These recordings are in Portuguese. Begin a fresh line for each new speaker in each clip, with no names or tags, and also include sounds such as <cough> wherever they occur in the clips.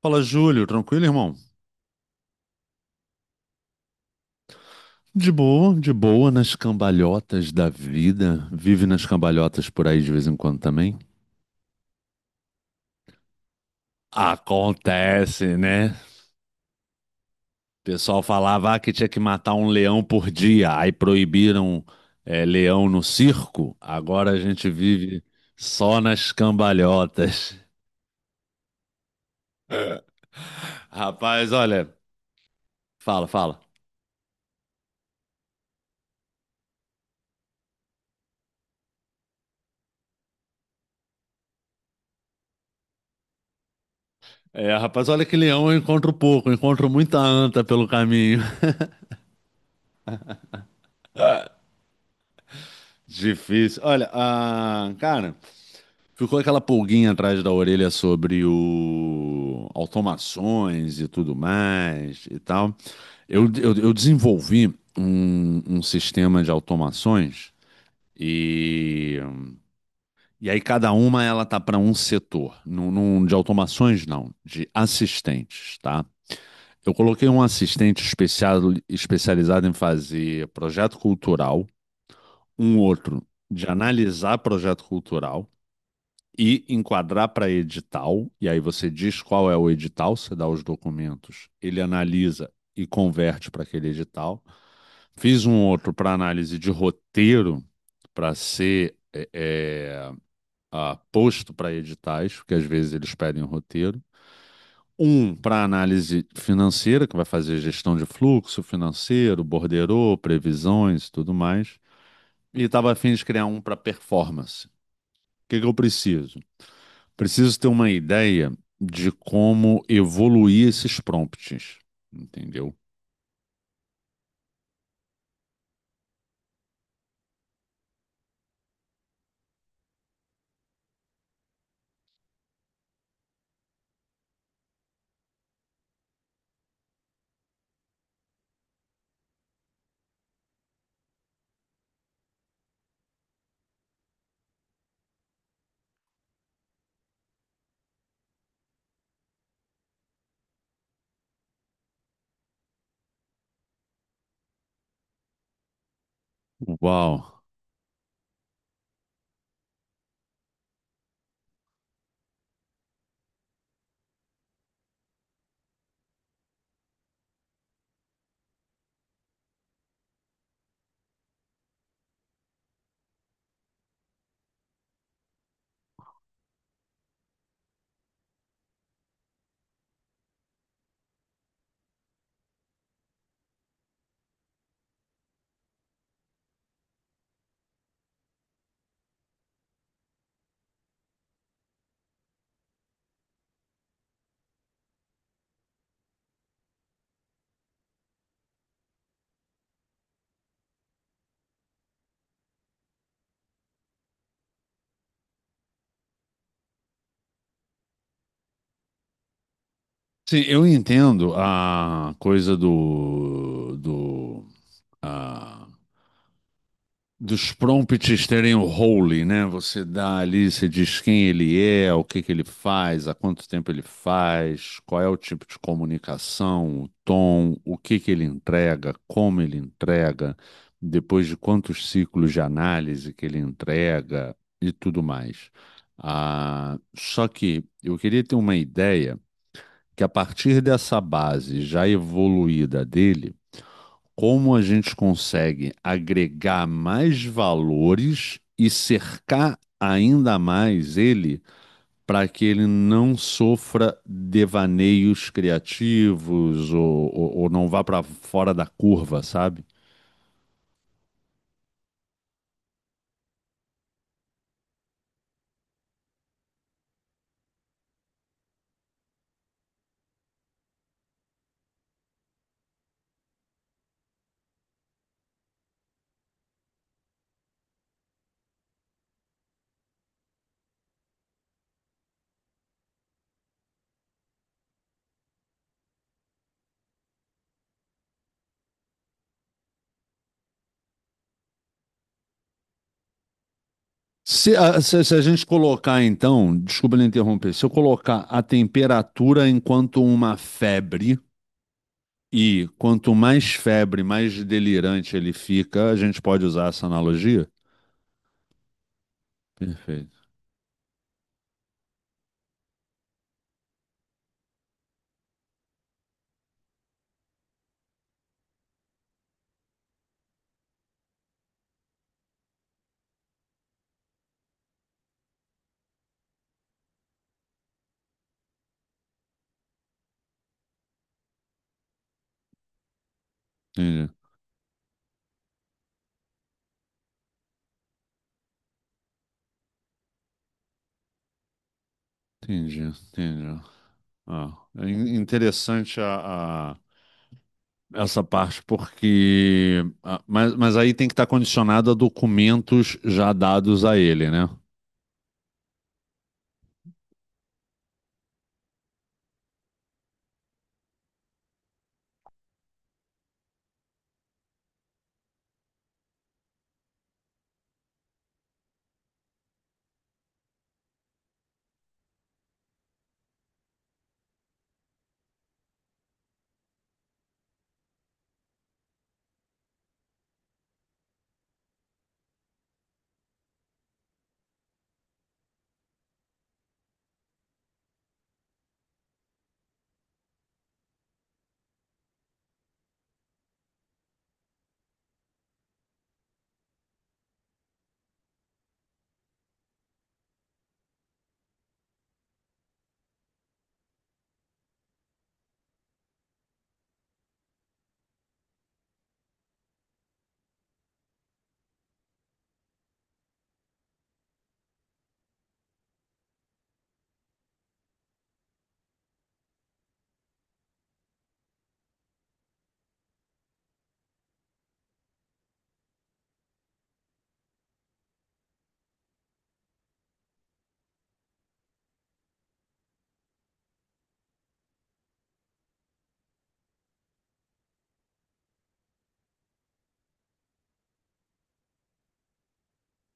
Fala, Júlio, tranquilo, irmão? De boa, nas cambalhotas da vida. Vive nas cambalhotas por aí de vez em quando também. Acontece, né? O pessoal falava que tinha que matar um leão por dia, aí proibiram leão no circo. Agora a gente vive só nas cambalhotas. Rapaz, olha, fala, fala. É, rapaz, olha que leão eu encontro pouco, eu encontro muita anta pelo caminho. <laughs> Difícil. Olha, cara. Ficou aquela pulguinha atrás da orelha sobre o automações e tudo mais e tal. Eu desenvolvi um sistema de automações e, e aí cada uma ela tá para um setor. Não de automações não, de assistentes, tá? Eu coloquei um assistente especial, especializado em fazer projeto cultural, um outro de analisar projeto cultural e enquadrar para edital, e aí você diz qual é o edital, você dá os documentos, ele analisa e converte para aquele edital. Fiz um outro para análise de roteiro, para ser a, posto para editais, porque às vezes eles pedem o roteiro. Um para análise financeira, que vai fazer gestão de fluxo financeiro, borderô, previsões e tudo mais. E estava a fim de criar um para performance. O que eu preciso? Preciso ter uma ideia de como evoluir esses prompts, entendeu? Uau. Sim, eu entendo a coisa ah, dos prompts terem o role, né? Você dá ali, você diz quem ele é, o que que ele faz, há quanto tempo ele faz, qual é o tipo de comunicação, o tom, o que que ele entrega, como ele entrega, depois de quantos ciclos de análise que ele entrega e tudo mais. Só que eu queria ter uma ideia que a partir dessa base já evoluída dele como a gente consegue agregar mais valores e cercar ainda mais ele para que ele não sofra devaneios criativos ou, ou não vá para fora da curva, sabe? Se a gente colocar, então, desculpa lhe interromper, se eu colocar a temperatura enquanto uma febre, e quanto mais febre, mais delirante ele fica, a gente pode usar essa analogia? Perfeito. Entendi. Entendi, entendi. É interessante essa parte, porque. Mas aí tem que estar condicionado a documentos já dados a ele, né?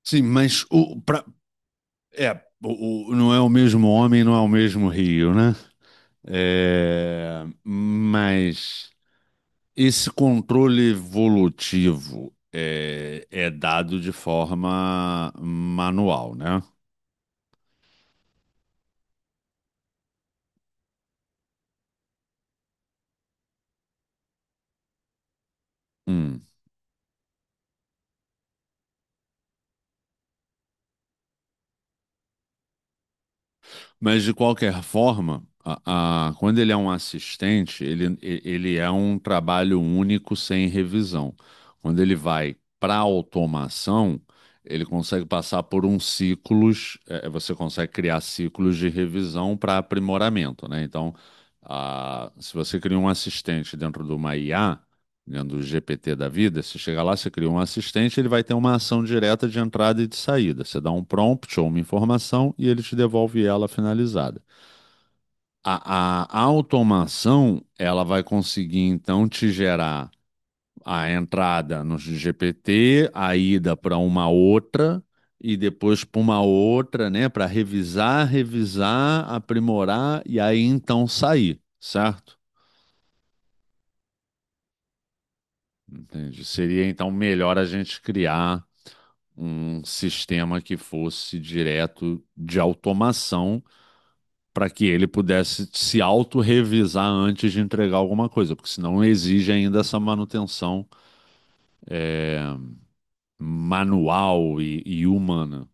Sim, mas o, pra, é, o- não é o mesmo homem, não é o mesmo rio, né? É, mas. Esse controle evolutivo é dado de forma manual, né? Hum. Mas de qualquer forma, quando ele é um assistente, ele, ele é um trabalho único sem revisão. Quando ele vai para automação, ele consegue passar por uns ciclos, é, você consegue criar ciclos de revisão para aprimoramento, né? Então, se você cria um assistente dentro de uma IA dentro do GPT da vida, você chega lá, você cria um assistente, ele vai ter uma ação direta de entrada e de saída. Você dá um prompt ou uma informação e ele te devolve ela finalizada. A automação, ela vai conseguir então te gerar a entrada no GPT, a ida para uma outra e depois para uma outra, né, para revisar, revisar, aprimorar e aí então sair, certo? Entendi. Seria então melhor a gente criar um sistema que fosse direto de automação para que ele pudesse se autorrevisar antes de entregar alguma coisa, porque senão exige ainda essa manutenção é, manual e humana.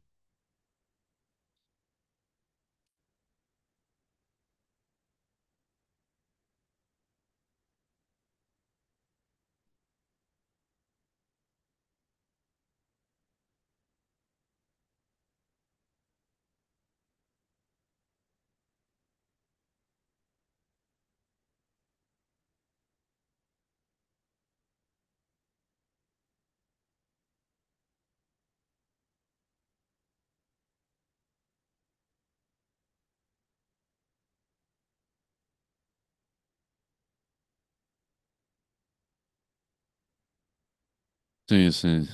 Sim, sim.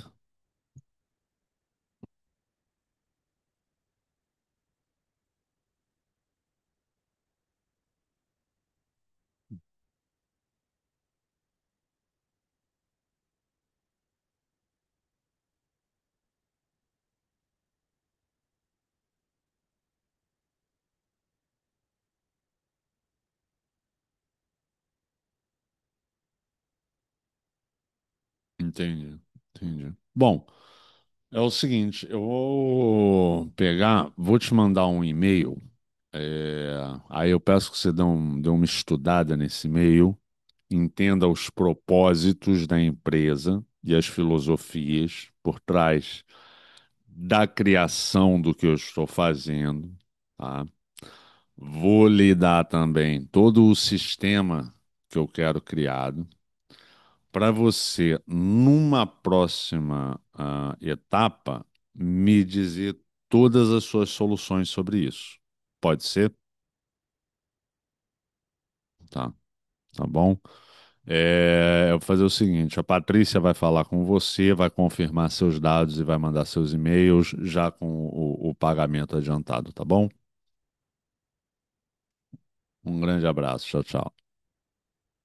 Entendi. Entendi. Bom, é o seguinte, eu vou pegar, vou te mandar um e-mail. É, aí eu peço que você dê, dê uma estudada nesse e-mail, entenda os propósitos da empresa e as filosofias por trás da criação do que eu estou fazendo, tá? Vou lhe dar também todo o sistema que eu quero criado para você, numa próxima etapa, me dizer todas as suas soluções sobre isso. Pode ser? Tá, tá bom? É, eu vou fazer o seguinte: a Patrícia vai falar com você, vai confirmar seus dados e vai mandar seus e-mails já com o pagamento adiantado, tá bom? Um grande abraço, tchau, tchau.